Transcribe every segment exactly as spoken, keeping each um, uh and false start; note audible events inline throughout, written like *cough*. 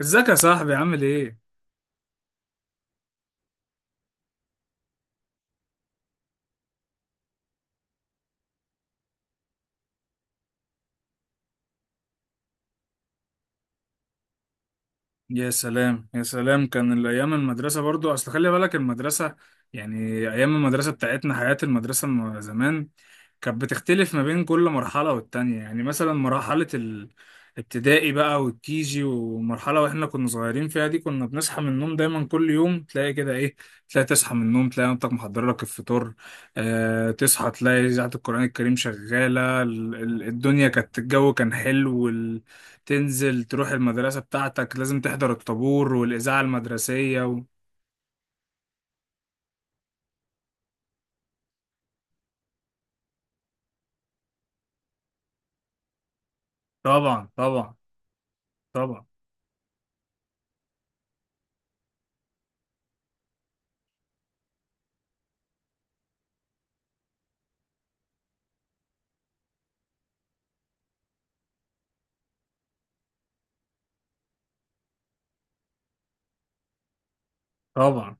ازيك يا صاحبي؟ عامل ايه؟ يا سلام، يا سلام. كان الايام المدرسه، برضو اصل خلي بالك المدرسه، يعني ايام المدرسه بتاعتنا، حياه المدرسه م- زمان كانت بتختلف ما بين كل مرحله والتانية. يعني مثلا مرحله الابتدائي بقى والكيجي ومرحله، واحنا كنا صغيرين فيها دي، كنا بنصحى من النوم دايما كل يوم، تلاقي كده ايه، تلاقي تصحى من النوم تلاقي مامتك محضره لك الفطار. آه تصحى تلاقي اذاعه القران الكريم شغاله، ال- ال- الدنيا كانت، الجو كان حلو. تنزل تروح المدرسة بتاعتك لازم تحضر الطابور والإذاعة المدرسية و... طبعا، طبعا، طبعا، طبعا.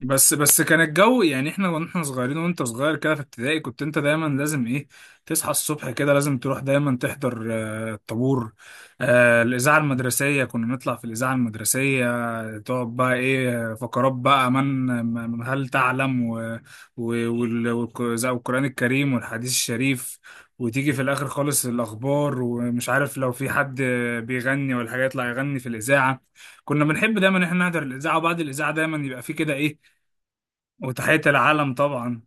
بس بس كان الجو، يعني احنا واحنا صغيرين، وانت صغير كده في ابتدائي، كنت انت دايما لازم ايه، تصحى الصبح كده لازم تروح دايما تحضر آه، الطابور. آه، الاذاعه المدرسيه، كنا نطلع في الاذاعه المدرسيه. آه، تقعد بقى ايه فقرات بقى من من- هل تعلم، و و- وال- والق- زي القران الكريم والحديث الشريف، وتيجي في الاخر خالص الاخبار، ومش عارف لو في حد بيغني ولا حاجه يطلع يغني في الاذاعه. كنا بنحب دايما ان احنا نحضر الاذاعه، وبعد الاذاعه دايما يبقى في كده ايه، وتحية العلم طبعا.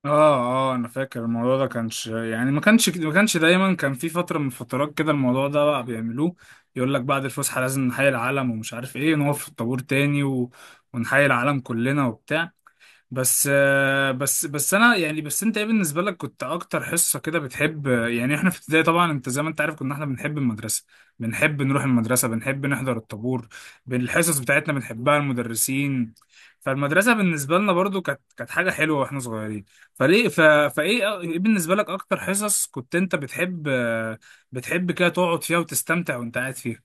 اه، اه انا فاكر الموضوع ده، كانش يعني ما كانش ما كانش دايما، كان في فترة من فترات كده الموضوع ده بقى بيعملوه. يقول لك بعد الفسحة لازم نحيي العلم، ومش عارف ايه، نقف في الطابور تاني و... ونحيي العلم كلنا وبتاع. بس آه، بس بس انا يعني، بس انت ايه بالنسبه لك، كنت اكتر حصه كده بتحب؟ يعني احنا في ابتدائي طبعا، انت زي ما انت عارف، كنا احنا بنحب المدرسه، بنحب نروح المدرسه، بنحب نحضر الطابور، بالحصص بتاعتنا بنحبها، المدرسين، فالمدرسه بالنسبه لنا برضو كانت كانت حاجه حلوه واحنا صغيرين. فليه ف... فايه، آه، ايه بالنسبه لك اكتر حصص كنت انت بتحب؟ آه، بتحب كده تقعد فيها وتستمتع وانت قاعد فيها؟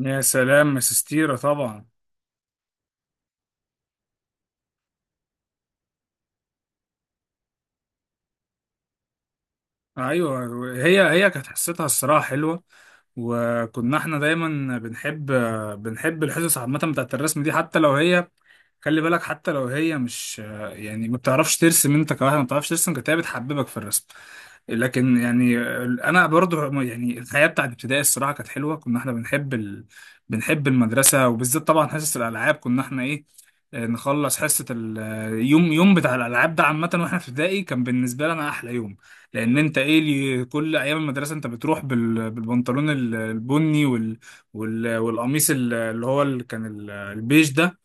يا سلام يا سستيرة، طبعا. ايوه، هي هي كانت حصتها الصراحه حلوه، وكنا احنا دايما بنحب بنحب الحصص عامه بتاعت الرسم دي، حتى لو هي، خلي بالك، حتى لو هي مش، يعني ما بتعرفش ترسم، انت كواحد ما بتعرفش ترسم، كانت هي بتحببك في الرسم. لكن يعني، انا برضو يعني الحياه بتاعت ابتدائي الصراحه كانت حلوه، كنا احنا بنحب ال... بنحب المدرسه. وبالذات طبعا حصص الالعاب، كنا احنا ايه، نخلص حصه اليوم، يوم يوم بتاع الالعاب ده، عامه واحنا في ابتدائي كان بالنسبه لنا احلى يوم. لان انت ايه اللي كل ايام المدرسه انت بتروح بال- بالبنطلون ال- البني وال وال والقميص ال- اللي هو اللي كان ال- البيج ده،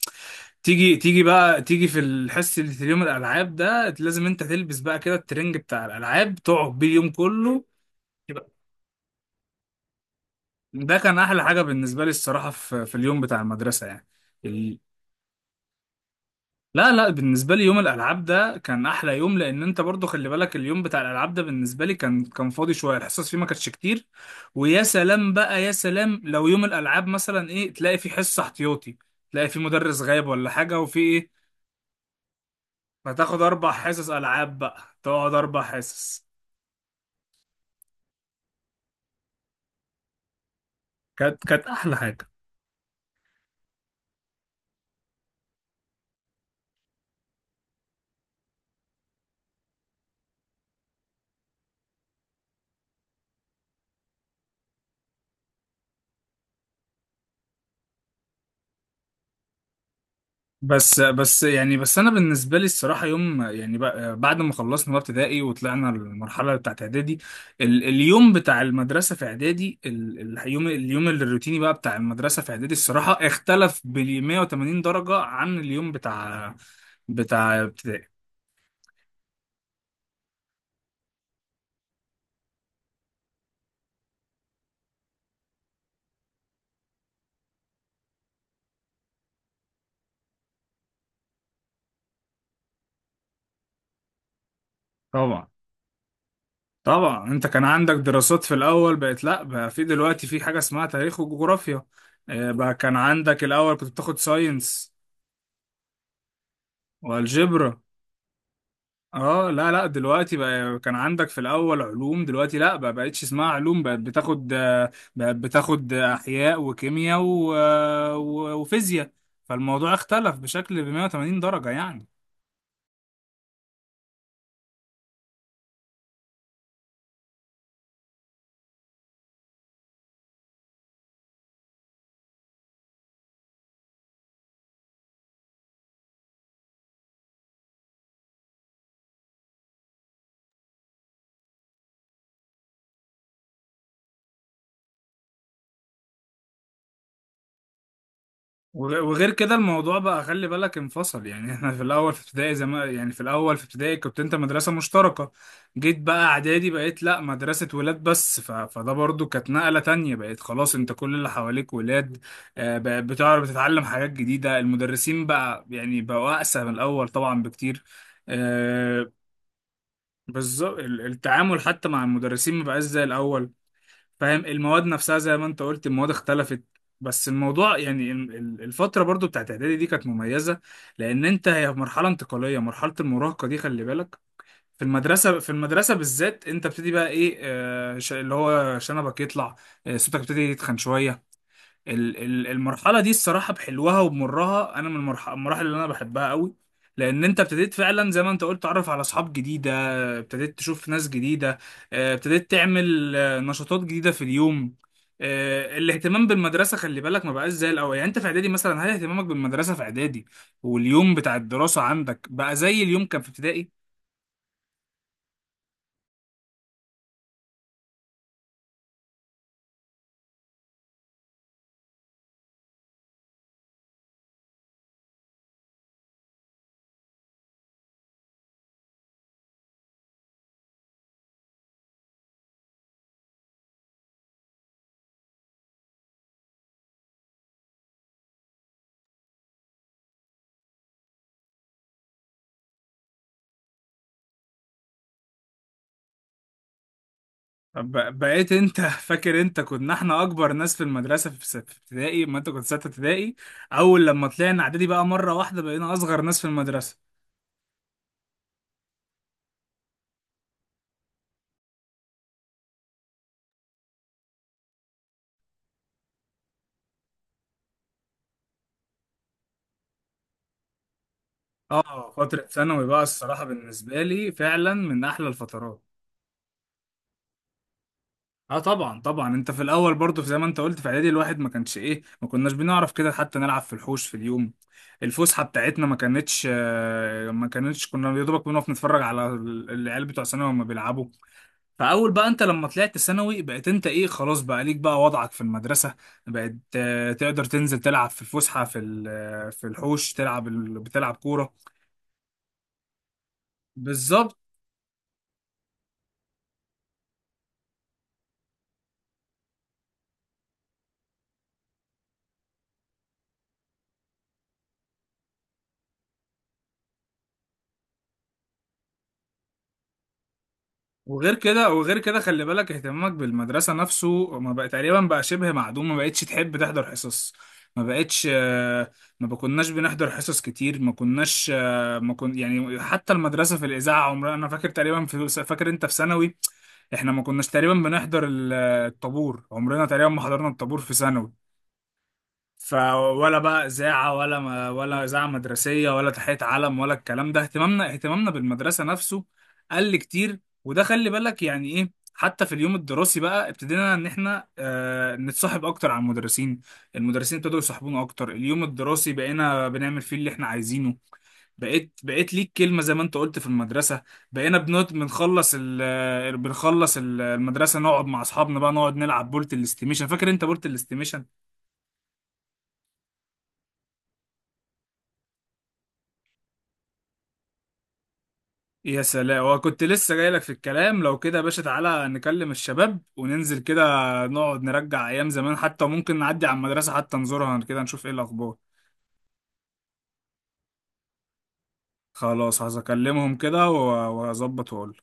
تيجي تيجي بقى تيجي في الحصه اللي في اليوم الالعاب ده لازم انت تلبس بقى كده الترنج بتاع الالعاب، تقعد بيه اليوم كله. ده كان احلى حاجه بالنسبه لي الصراحه في في اليوم بتاع المدرسه يعني. لا، لا، بالنسبة لي يوم الألعاب ده كان أحلى يوم، لأن أنت برضو خلي بالك، اليوم بتاع الألعاب ده بالنسبة لي كان كان فاضي شوية، الحصص فيه ما كانتش كتير. ويا سلام بقى، يا سلام لو يوم الألعاب مثلا إيه، تلاقي فيه حصة احتياطي، تلاقي فيه مدرس غايب ولا حاجة، وفي إيه، هتاخد أربع حصص ألعاب بقى، تقعد أربع حصص. كانت كانت أحلى حاجة. بس بس يعني، بس انا بالنسبه لي الصراحه يوم، يعني ب- بعد ما خلصنا بقى ابتدائي وطلعنا المرحله بتاعت اعدادي، ال- اليوم بتاع المدرسه في اعدادي، ال- ال- اليوم اليوم الروتيني بقى بتاع المدرسه في اعدادي، الصراحه اختلف ب مائة وثمانين درجه عن اليوم بتاع بتاع ابتدائي. طبعا، طبعا. انت كان عندك دراسات في الاول، بقت لا بقى في دلوقتي في حاجه اسمها تاريخ وجغرافيا. آه، بقى كان عندك الاول كنت بتاخد ساينس والجبرا. اه، لا، لا دلوقتي بقى، كان عندك في الاول علوم، دلوقتي لا بقى بقتش اسمها علوم، بقت بتاخد، آه، بقت بتاخد احياء وكيمياء و- آه، و- وفيزياء. فالموضوع اختلف بشكل ب مية وثمانين درجة يعني. وغ- وغير كده الموضوع بقى خلي بالك انفصل. يعني احنا في الاول في ابتدائي، زي ما يعني في الاول في ابتدائي كنت انت مدرسه مشتركه، جيت بقى اعدادي بقيت لا، مدرسه ولاد بس. ف... فده برضو كانت نقله تانية، بقيت خلاص انت كل اللي حواليك ولاد. آه، بقى بتعرف تتعلم حاجات جديده، المدرسين بقى يعني بقوا اقسى من الاول طبعا بكتير. آه، بالظبط. ال- التعامل حتى مع المدرسين مبقاش زي الاول، فاهم. المواد نفسها زي ما انت قلت، المواد اختلفت. بس الموضوع يعني، ال- ال- الفترة برضو بتاعت اعدادي دي كانت مميزة، لان انت هي مرحلة انتقالية، مرحلة المراهقة دي خلي بالك في المدرسة في المدرسة بالذات انت بتبتدي بقى ايه، آه، ش- اللي هو شنبك يطلع، آه، صوتك بتبتدي يتخن شوية. ال- ال- المرحله دي الصراحه بحلوها وبمرها، انا من المرح- المراحل اللي انا بحبها قوي. لان انت ابتديت فعلا زي ما انت قلت تعرف على اصحاب جديده، ابتديت تشوف ناس جديده، آه، ابتديت تعمل آه، نشاطات جديده في اليوم. آه، الاهتمام بالمدرسه خلي بالك ما بقاش زي الاول. يعني انت في اعدادي مثلا، هل اهتمامك بالمدرسه في اعدادي واليوم بتاع الدراسه عندك بقى زي اليوم كان في ابتدائي؟ ب- بقيت انت *laughs* فاكر انت كنا احنا اكبر ناس في المدرسه، في ست- في ابتدائي ما انت كنت سته ابتدائي. اول لما طلعنا اعدادي بقى مره واحده بقينا اصغر ناس في المدرسه. اه، فتره ثانوي بقى الصراحه بالنسبه لي فعلا من احلى الفترات. اه طبعا، طبعا. انت في الاول برضه زي ما انت قلت في اعدادي، الواحد ما كانش ايه، ما كناش بنعرف كده حتى نلعب في الحوش في اليوم. الفسحه بتاعتنا ما كانتش، آه، ما كانتش كنا يا دوبك بنقف نتفرج على ال- العيال بتوع ثانوي وهم بيلعبوا. فاول بقى انت لما طلعت ثانوي بقيت انت ايه، خلاص بقى ليك بقى وضعك في المدرسه، بقيت آه، تقدر تنزل تلعب في الفسحه في ال- آه، في الحوش، تلعب ال- بتلعب كوره. بالظبط. وغير كده وغير كده خلي بالك اهتمامك بالمدرسة نفسه ما بقى، تقريبا بقى شبه معدوم، ما بقتش تحب تحضر حصص، ما بقتش، آه، ما كناش بنحضر حصص كتير، ما كناش آه، ما كن يعني حتى المدرسة في الإذاعة، عمرنا، أنا فاكر تقريبا في فاكر أنت في ثانوي احنا ما كناش تقريبا بنحضر ال- آه، الطابور، عمرنا تقريبا ما حضرنا الطابور في ثانوي. فولا بقى إذاعة، ولا ما ولا إذاعة مدرسية، ولا تحية علم، ولا الكلام ده. اهتمامنا اهتمامنا بالمدرسة نفسه قل كتير. وده خلي بالك يعني إيه، حتى في اليوم الدراسي بقى ابتدينا إن إحنا آه نتصاحب أكتر على المدرسين، المدرسين ابتدوا يصاحبونا أكتر. اليوم الدراسي بقينا بنعمل فيه اللي إحنا عايزينه، بقيت بقيت ليك كلمة زي ما أنت قلت في المدرسة. بقينا بنقعد بنخلص ال آه، بنخلص ال- المدرسة نقعد مع أصحابنا بقى، نقعد نلعب بولت الاستيميشن. فاكر أنت بولت الاستيميشن؟ يا سلام، وكنت لسه جايلك في الكلام، لو كده يا باشا تعالى نكلم الشباب وننزل كده، نقعد نرجع ايام زمان، حتى ممكن نعدي على المدرسة، حتى نزورها كده نشوف ايه الاخبار. خلاص هكلمهم كده و- واظبط واقول.